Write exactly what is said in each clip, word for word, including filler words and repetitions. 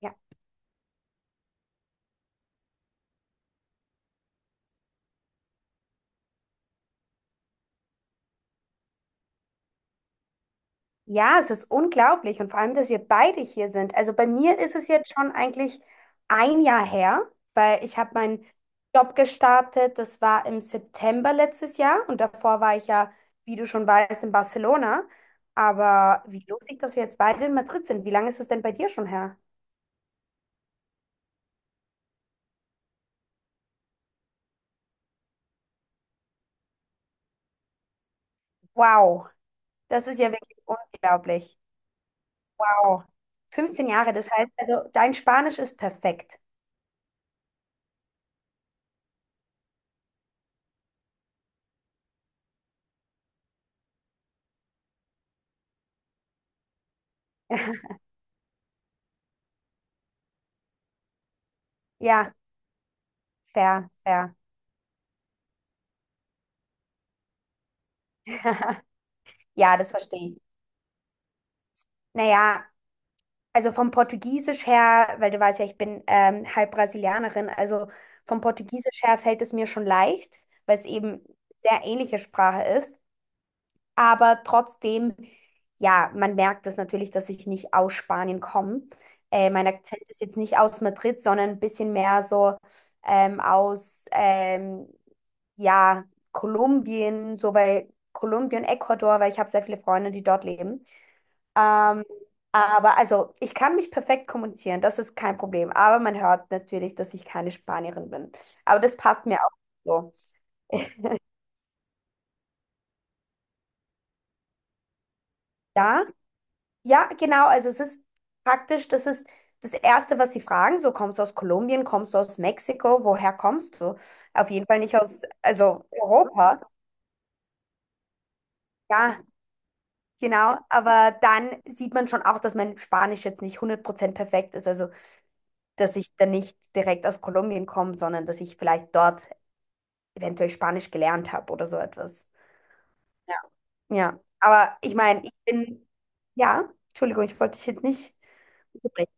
Ja, Ja, es ist unglaublich und vor allem, dass wir beide hier sind. Also bei mir ist es jetzt schon eigentlich ein Jahr her, weil ich habe meinen Job gestartet. Das war im September letztes Jahr und davor war ich ja, wie du schon weißt, in Barcelona. Aber wie lustig, dass wir jetzt beide in Madrid sind. Wie lange ist es denn bei dir schon her? Wow, das ist ja wirklich unglaublich. Wow, fünfzehn Jahre, das heißt also, dein Spanisch ist perfekt. Ja, fair, fair. Ja, das verstehe ich. Naja, also vom Portugiesisch her, weil du weißt ja, ich bin ähm, halb Brasilianerin, also vom Portugiesisch her fällt es mir schon leicht, weil es eben sehr ähnliche Sprache ist. Aber trotzdem, ja, man merkt es natürlich, dass ich nicht aus Spanien komme. Äh, mein Akzent ist jetzt nicht aus Madrid, sondern ein bisschen mehr so ähm, aus, ähm, ja, Kolumbien, so bei Kolumbien, Ecuador, weil ich habe sehr viele Freunde, die dort leben. Ähm, aber also, ich kann mich perfekt kommunizieren, das ist kein Problem. Aber man hört natürlich, dass ich keine Spanierin bin. Aber das passt mir auch so. Ja, ja, genau. Also es ist praktisch, das ist das Erste, was sie fragen. So, kommst du aus Kolumbien, kommst du aus Mexiko, woher kommst du? Auf jeden Fall nicht aus, also Europa. Ja, genau. Aber dann sieht man schon auch, dass mein Spanisch jetzt nicht hundert Prozent perfekt ist. Also, dass ich dann nicht direkt aus Kolumbien komme, sondern dass ich vielleicht dort eventuell Spanisch gelernt habe oder so etwas. Ja. Ja, aber ich meine, ich bin, ja, Entschuldigung, ich wollte dich jetzt nicht unterbrechen.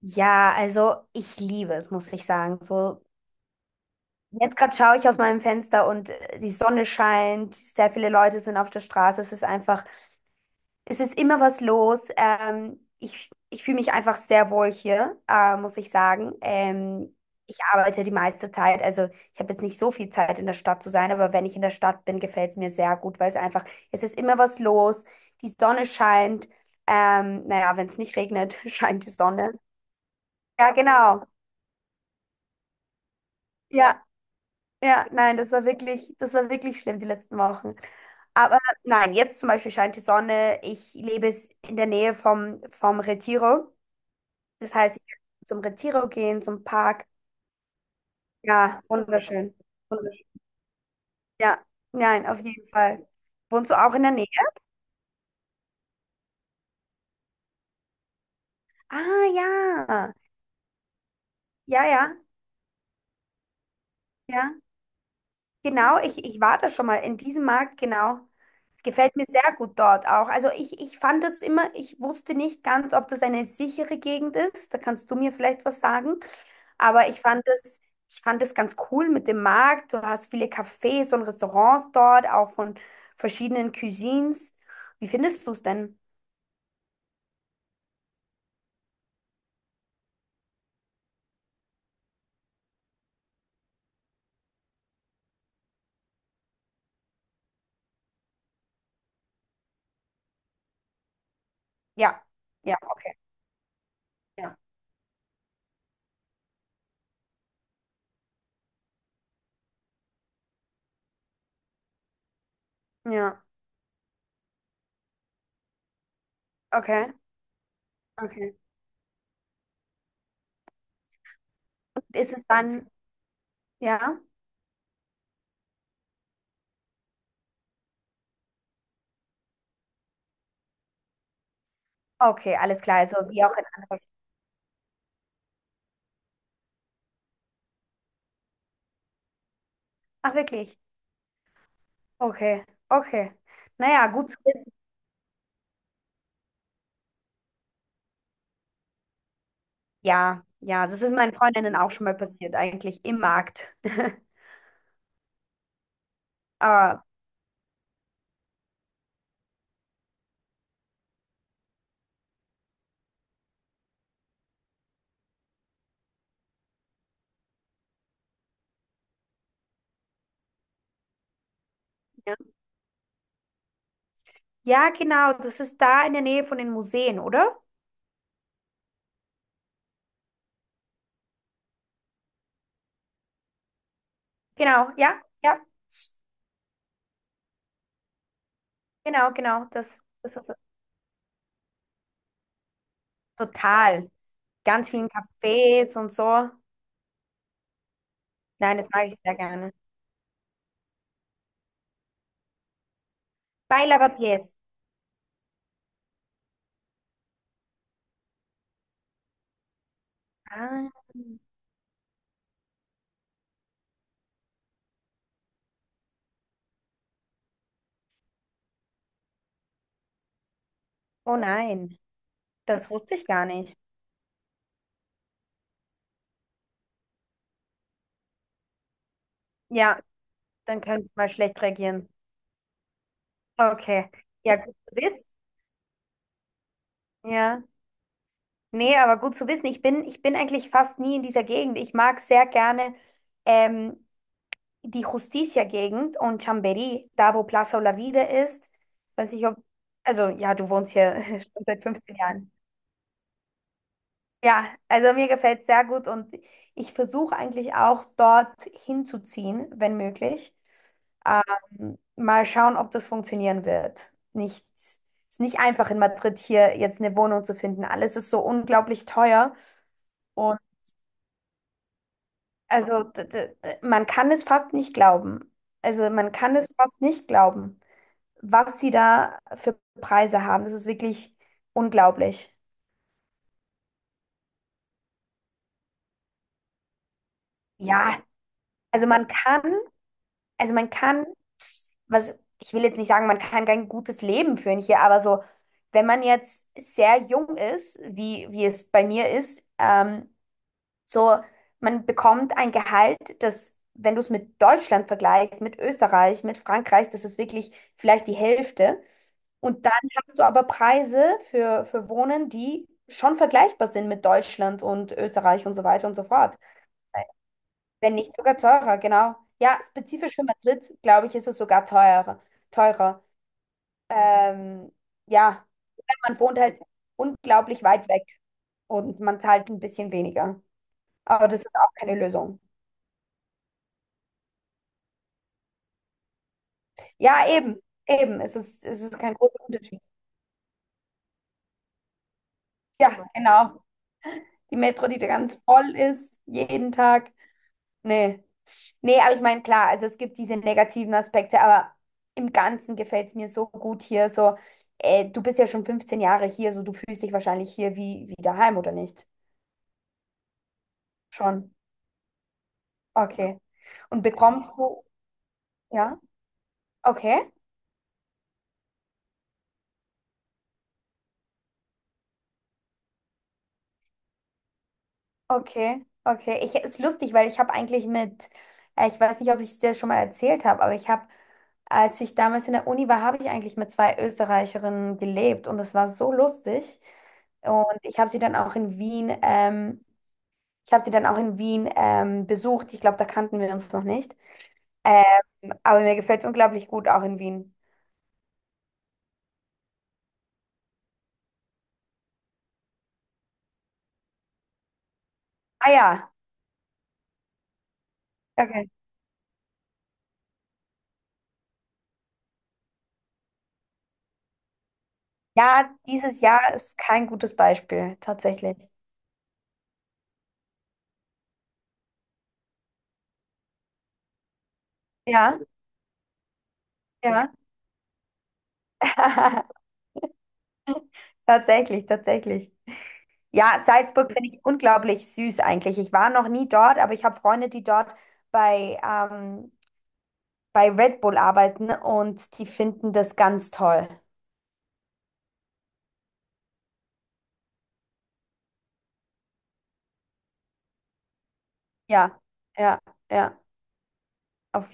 Ja, also ich liebe es, muss ich sagen. So, jetzt gerade schaue ich aus meinem Fenster und äh, die Sonne scheint, sehr viele Leute sind auf der Straße. Es ist einfach Es ist immer was los. Ähm, ich ich fühle mich einfach sehr wohl hier, äh, muss ich sagen. Ähm, ich arbeite die meiste Zeit. Also ich habe jetzt nicht so viel Zeit in der Stadt zu sein, aber wenn ich in der Stadt bin, gefällt es mir sehr gut, weil es einfach, es ist immer was los. Die Sonne scheint. Ähm, naja, wenn es nicht regnet, scheint die Sonne. Ja, genau. Ja, ja, nein, das war wirklich, das war wirklich schlimm die letzten Wochen. Aber nein, jetzt zum Beispiel scheint die Sonne. Ich lebe es in der Nähe vom, vom Retiro. Das heißt, ich kann zum Retiro gehen, zum Park. Ja, wunderschön. Wunderschön. Ja, nein, auf jeden Fall. Wohnst du auch in der Nähe? Ah, ja. Ja, ja, ja. Genau, ich, ich war da schon mal in diesem Markt, genau. Es gefällt mir sehr gut dort auch. Also ich, ich fand das immer, ich wusste nicht ganz, ob das eine sichere Gegend ist. Da kannst du mir vielleicht was sagen. Aber ich fand es, ich fand es ganz cool mit dem Markt. Du hast viele Cafés und Restaurants dort, auch von verschiedenen Cuisines. Wie findest du es denn? Ja, ja, okay. Ja. Ja, okay, okay. Ist es dann, ja? Okay, alles klar, also wie auch in anderen. Ach, wirklich? Okay, okay. Naja, gut zu wissen. Ja, ja, das ist meinen Freundinnen auch schon mal passiert, eigentlich im Markt. Aber, ja. Ja, genau, das ist da in der Nähe von den Museen, oder? Genau, ja, ja. Genau, genau, das, das ist es. Total. Ganz vielen Cafés und so. Nein, das mag ich sehr gerne. Baila Papiers. Ah, oh nein, das wusste ich gar nicht. Ja, dann könnte ich mal schlecht reagieren. Okay, ja, gut zu wissen. Ja, nee, aber gut zu wissen. Ich bin, ich bin eigentlich fast nie in dieser Gegend. Ich mag sehr gerne ähm, die Justicia-Gegend und Chambéry, da wo Plaza Olavide ist. Weiß ich, ob, also ja, du wohnst hier schon seit fünfzehn Jahren. Ja, also mir gefällt es sehr gut und ich versuche eigentlich auch dort hinzuziehen, wenn möglich. Ähm, Mal schauen, ob das funktionieren wird. Nicht, ist nicht einfach in Madrid hier jetzt eine Wohnung zu finden. Alles ist so unglaublich teuer und also d- d- man kann es fast nicht glauben. Also man kann es fast nicht glauben, was sie da für Preise haben. Das ist wirklich unglaublich. Ja, also man kann Also man kann, was, ich will jetzt nicht sagen, man kann kein gutes Leben führen hier, aber so, wenn man jetzt sehr jung ist, wie, wie es bei mir ist, ähm, so, man bekommt ein Gehalt, das, wenn du es mit Deutschland vergleichst, mit Österreich, mit Frankreich, das ist wirklich vielleicht die Hälfte. Und dann hast du aber Preise für, für Wohnen, die schon vergleichbar sind mit Deutschland und Österreich und so weiter und so fort. Wenn nicht sogar teurer, genau. Ja, spezifisch für Madrid, glaube ich, ist es sogar teurer. Teurer. Ähm, ja, weil man wohnt halt unglaublich weit weg und man zahlt ein bisschen weniger. Aber das ist auch keine Lösung. Ja, eben, eben. Es ist, es ist kein großer Unterschied. Ja, genau. Die Metro, die ganz voll ist, jeden Tag. Nee. Nee, aber ich meine, klar, also es gibt diese negativen Aspekte, aber im Ganzen gefällt es mir so gut hier. So, äh, du bist ja schon fünfzehn Jahre hier, so du fühlst dich wahrscheinlich hier wie, wie daheim, oder nicht? Schon. Okay. Und bekommst du, ja? Okay, okay, okay. Ich, ist lustig, weil ich habe eigentlich mit, äh, ich weiß nicht, ob ich es dir schon mal erzählt habe, aber ich habe, als ich damals in der Uni war, habe ich eigentlich mit zwei Österreicherinnen gelebt und es war so lustig. Und ich habe sie dann auch in Wien ähm, Ich habe sie dann auch in Wien ähm, besucht. Ich glaube, da kannten wir uns noch nicht. Ähm, aber mir gefällt es unglaublich gut, auch in Wien. Ah ja, okay. Ja, dieses Jahr ist kein gutes Beispiel, tatsächlich. Ja, ja. Tatsächlich, tatsächlich. Ja, Salzburg finde ich unglaublich süß eigentlich. Ich war noch nie dort, aber ich habe Freunde, die dort bei, ähm, bei Red Bull arbeiten und die finden das ganz toll. Ja, ja, ja, auf